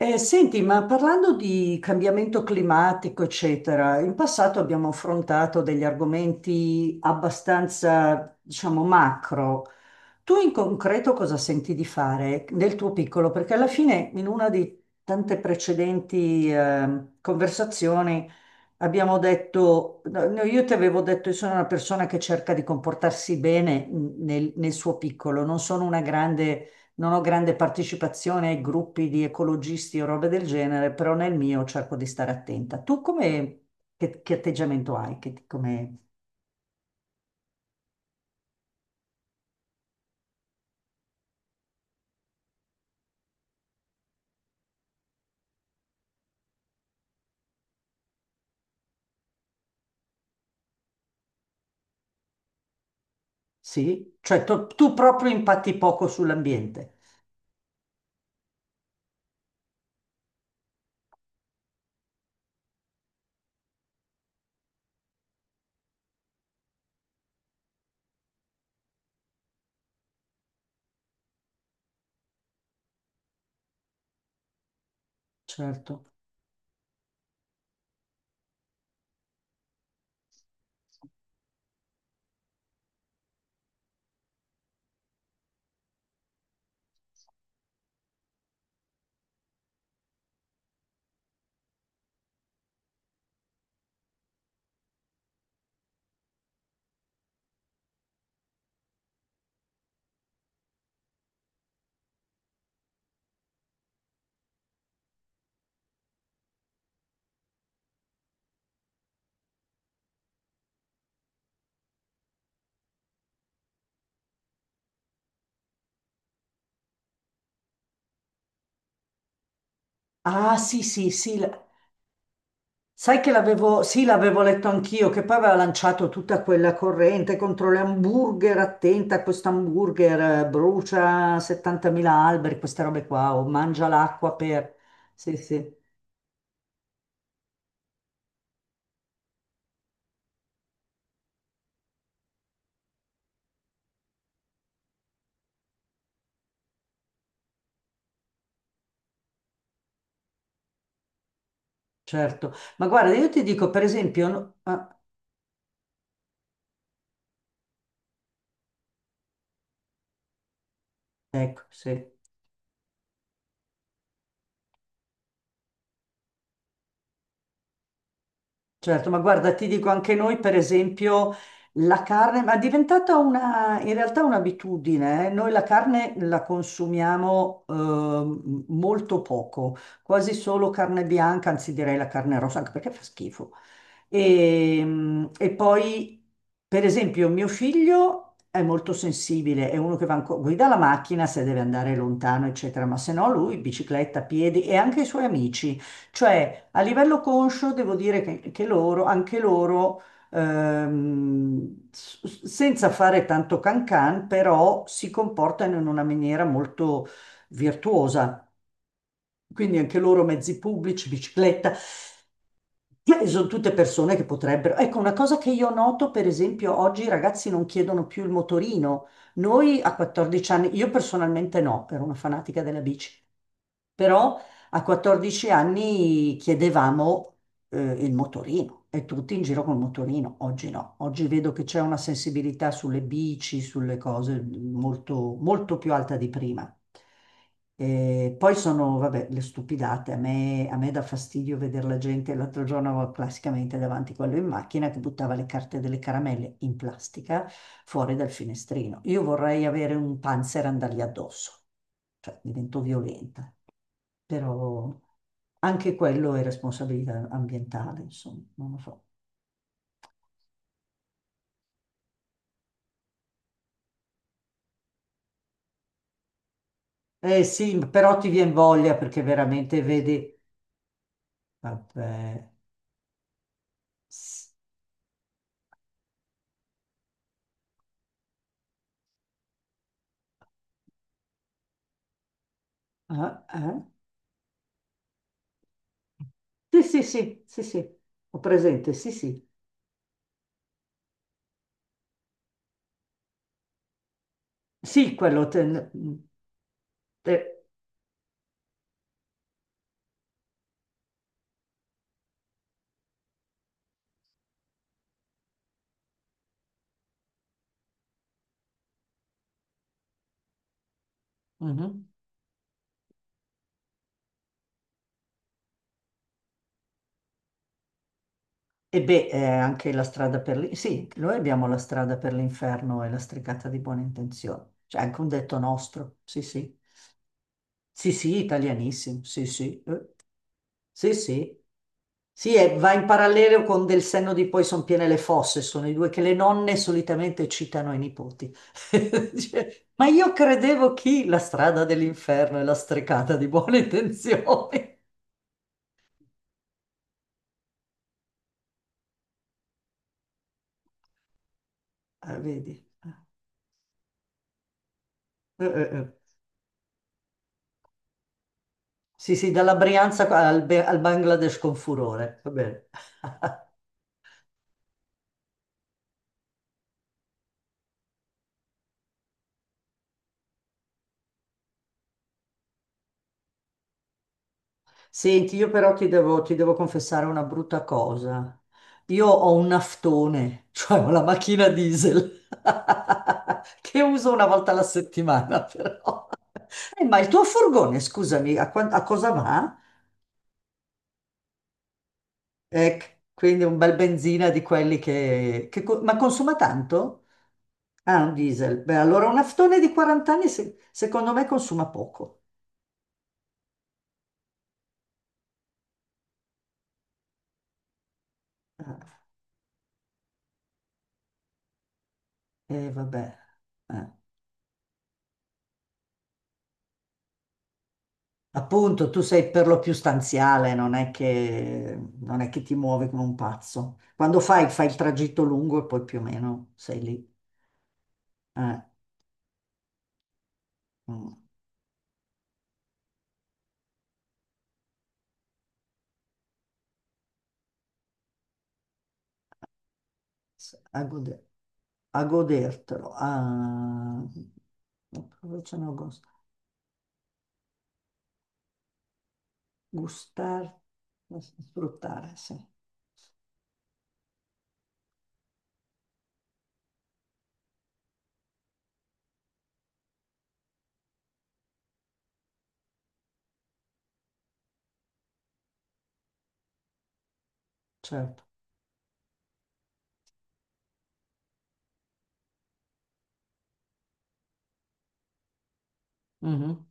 Senti, ma parlando di cambiamento climatico, eccetera, in passato abbiamo affrontato degli argomenti abbastanza, diciamo, macro. Tu in concreto cosa senti di fare nel tuo piccolo? Perché alla fine in una di tante precedenti conversazioni abbiamo detto, no, no, io ti avevo detto, io sono una persona che cerca di comportarsi bene nel, nel suo piccolo, non sono una grande, non ho grande partecipazione ai gruppi di ecologisti o robe del genere, però nel mio cerco di stare attenta. Tu come, che atteggiamento hai? Sì? Cioè tu proprio impatti poco sull'ambiente. Certo. Ah, sì, sì, sì. Sai che l'avevo, sì, l'avevo letto anch'io, che poi aveva lanciato tutta quella corrente contro le hamburger, attenta, a questo hamburger brucia 70.000 alberi, queste robe qua, o mangia l'acqua per... Sì, sì, certo. Ma guarda, io ti dico, per esempio... ecco, sì. Certo, ma guarda, ti dico anche noi, per esempio, la carne, ma è diventata una, in realtà un'abitudine, eh. Noi la carne la consumiamo molto poco, quasi solo carne bianca, anzi direi la carne rossa, anche perché fa schifo. E poi, per esempio, mio figlio è molto sensibile, è uno che guida la macchina se deve andare lontano, eccetera, ma se no lui bicicletta, piedi e anche i suoi amici. Cioè, a livello conscio devo dire che loro, anche loro, senza fare tanto cancan, però si comportano in una maniera molto virtuosa. Quindi anche loro mezzi pubblici, bicicletta, sono tutte persone che potrebbero... Ecco, una cosa che io noto, per esempio, oggi i ragazzi non chiedono più il motorino. Noi a 14 anni, io personalmente no, ero una fanatica della bici. Però a 14 anni chiedevamo eh, il motorino e tutti in giro col motorino. Oggi no, oggi vedo che c'è una sensibilità sulle bici, sulle cose molto, molto più alta di prima. E poi sono, vabbè, le stupidate. A me dà fastidio vedere la gente. L'altro giorno avevo classicamente davanti quello in macchina che buttava le carte delle caramelle in plastica fuori dal finestrino. Io vorrei avere un panzer e andargli addosso, cioè divento violenta, però anche quello è responsabilità ambientale, insomma, non lo so. Eh sì, però ti viene voglia perché veramente vedi, vabbè, s- ah, eh? Sì, sì, sì, sì, sì, ho presente, sì, sì. Sì, quello te- mhm. E beh, anche la strada per lì. Sì, noi abbiamo la strada per l'inferno e la stricata di buone intenzioni. C'è anche un detto nostro. Sì, sì. Sì, sì, italianissimo. Sì, sì. Sì, sì. Sì, e va in parallelo con Del senno di poi son piene le fosse, sono i due che le nonne solitamente citano ai nipoti. Dice, ma io credevo chi? La strada dell'inferno e la strecata di buone intenzioni. Ah, vedi. Ah. Eh. Sì, sì, dalla Brianza al, al Bangladesh con furore. Va bene. Senti, io però ti devo confessare una brutta cosa. Io ho un naftone, cioè ho la macchina diesel, che uso una volta alla settimana però. Ma il tuo furgone, scusami, a, a cosa va? Ecco, quindi un bel benzina di quelli che... ma consuma tanto? Ah, un diesel. Beh, allora un naftone di 40 anni secondo me consuma poco. E vabbè. Eh. Appunto, tu sei per lo più stanziale, non è che ti muovi come un pazzo. Quando fai il tragitto lungo e poi più o meno sei lì. eh, mm, a gode- a godertelo. A... Invece no, gustar, sfruttare, sì, certo. Mhm.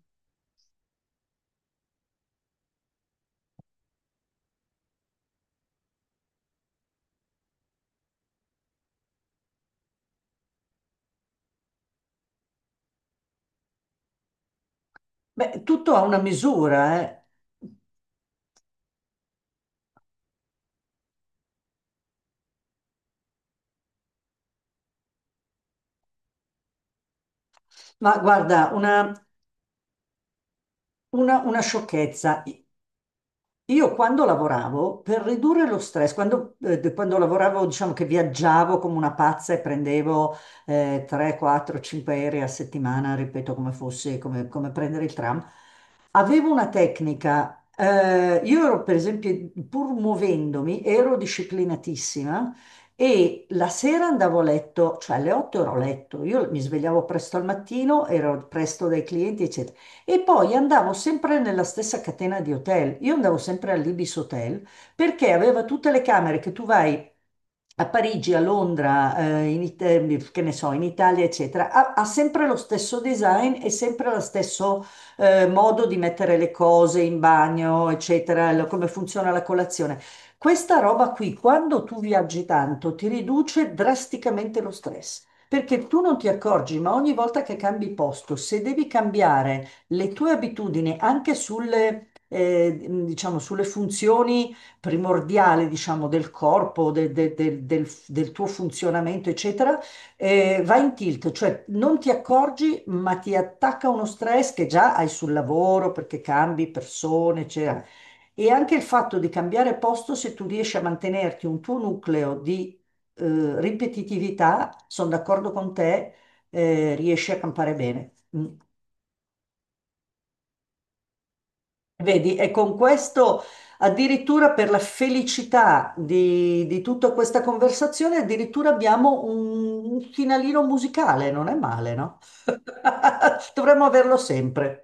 Beh, tutto ha una misura, eh. Ma guarda, una sciocchezza. Io quando lavoravo, per ridurre lo stress, quando lavoravo, diciamo che viaggiavo come una pazza e prendevo 3, 4, 5 aerei a settimana, ripeto, come fosse, come prendere il tram, avevo una tecnica. Io ero, per esempio, pur muovendomi, ero disciplinatissima e la sera andavo a letto, cioè alle 8 ero a letto, io mi svegliavo presto al mattino, ero presto dai clienti, eccetera. E poi andavo sempre nella stessa catena di hotel. Io andavo sempre all'Ibis Hotel perché aveva tutte le camere che tu vai a Parigi, a Londra, che ne so, in Italia, eccetera, ha sempre lo stesso design e sempre lo stesso modo di mettere le cose in bagno, eccetera, come funziona la colazione. Questa roba qui, quando tu viaggi tanto, ti riduce drasticamente lo stress. Perché tu non ti accorgi, ma ogni volta che cambi posto, se devi cambiare le tue abitudini anche sulle, diciamo, sulle funzioni primordiale, diciamo, del corpo, del tuo funzionamento, eccetera, va in tilt, cioè non ti accorgi, ma ti attacca uno stress che già hai sul lavoro perché cambi persone, eccetera. E anche il fatto di cambiare posto, se tu riesci a mantenerti un tuo nucleo di ripetitività, sono d'accordo con te, riesci a campare bene. Mm. Vedi, e con questo addirittura per la felicità di tutta questa conversazione, addirittura abbiamo un finalino musicale, non è male, no? Dovremmo averlo sempre.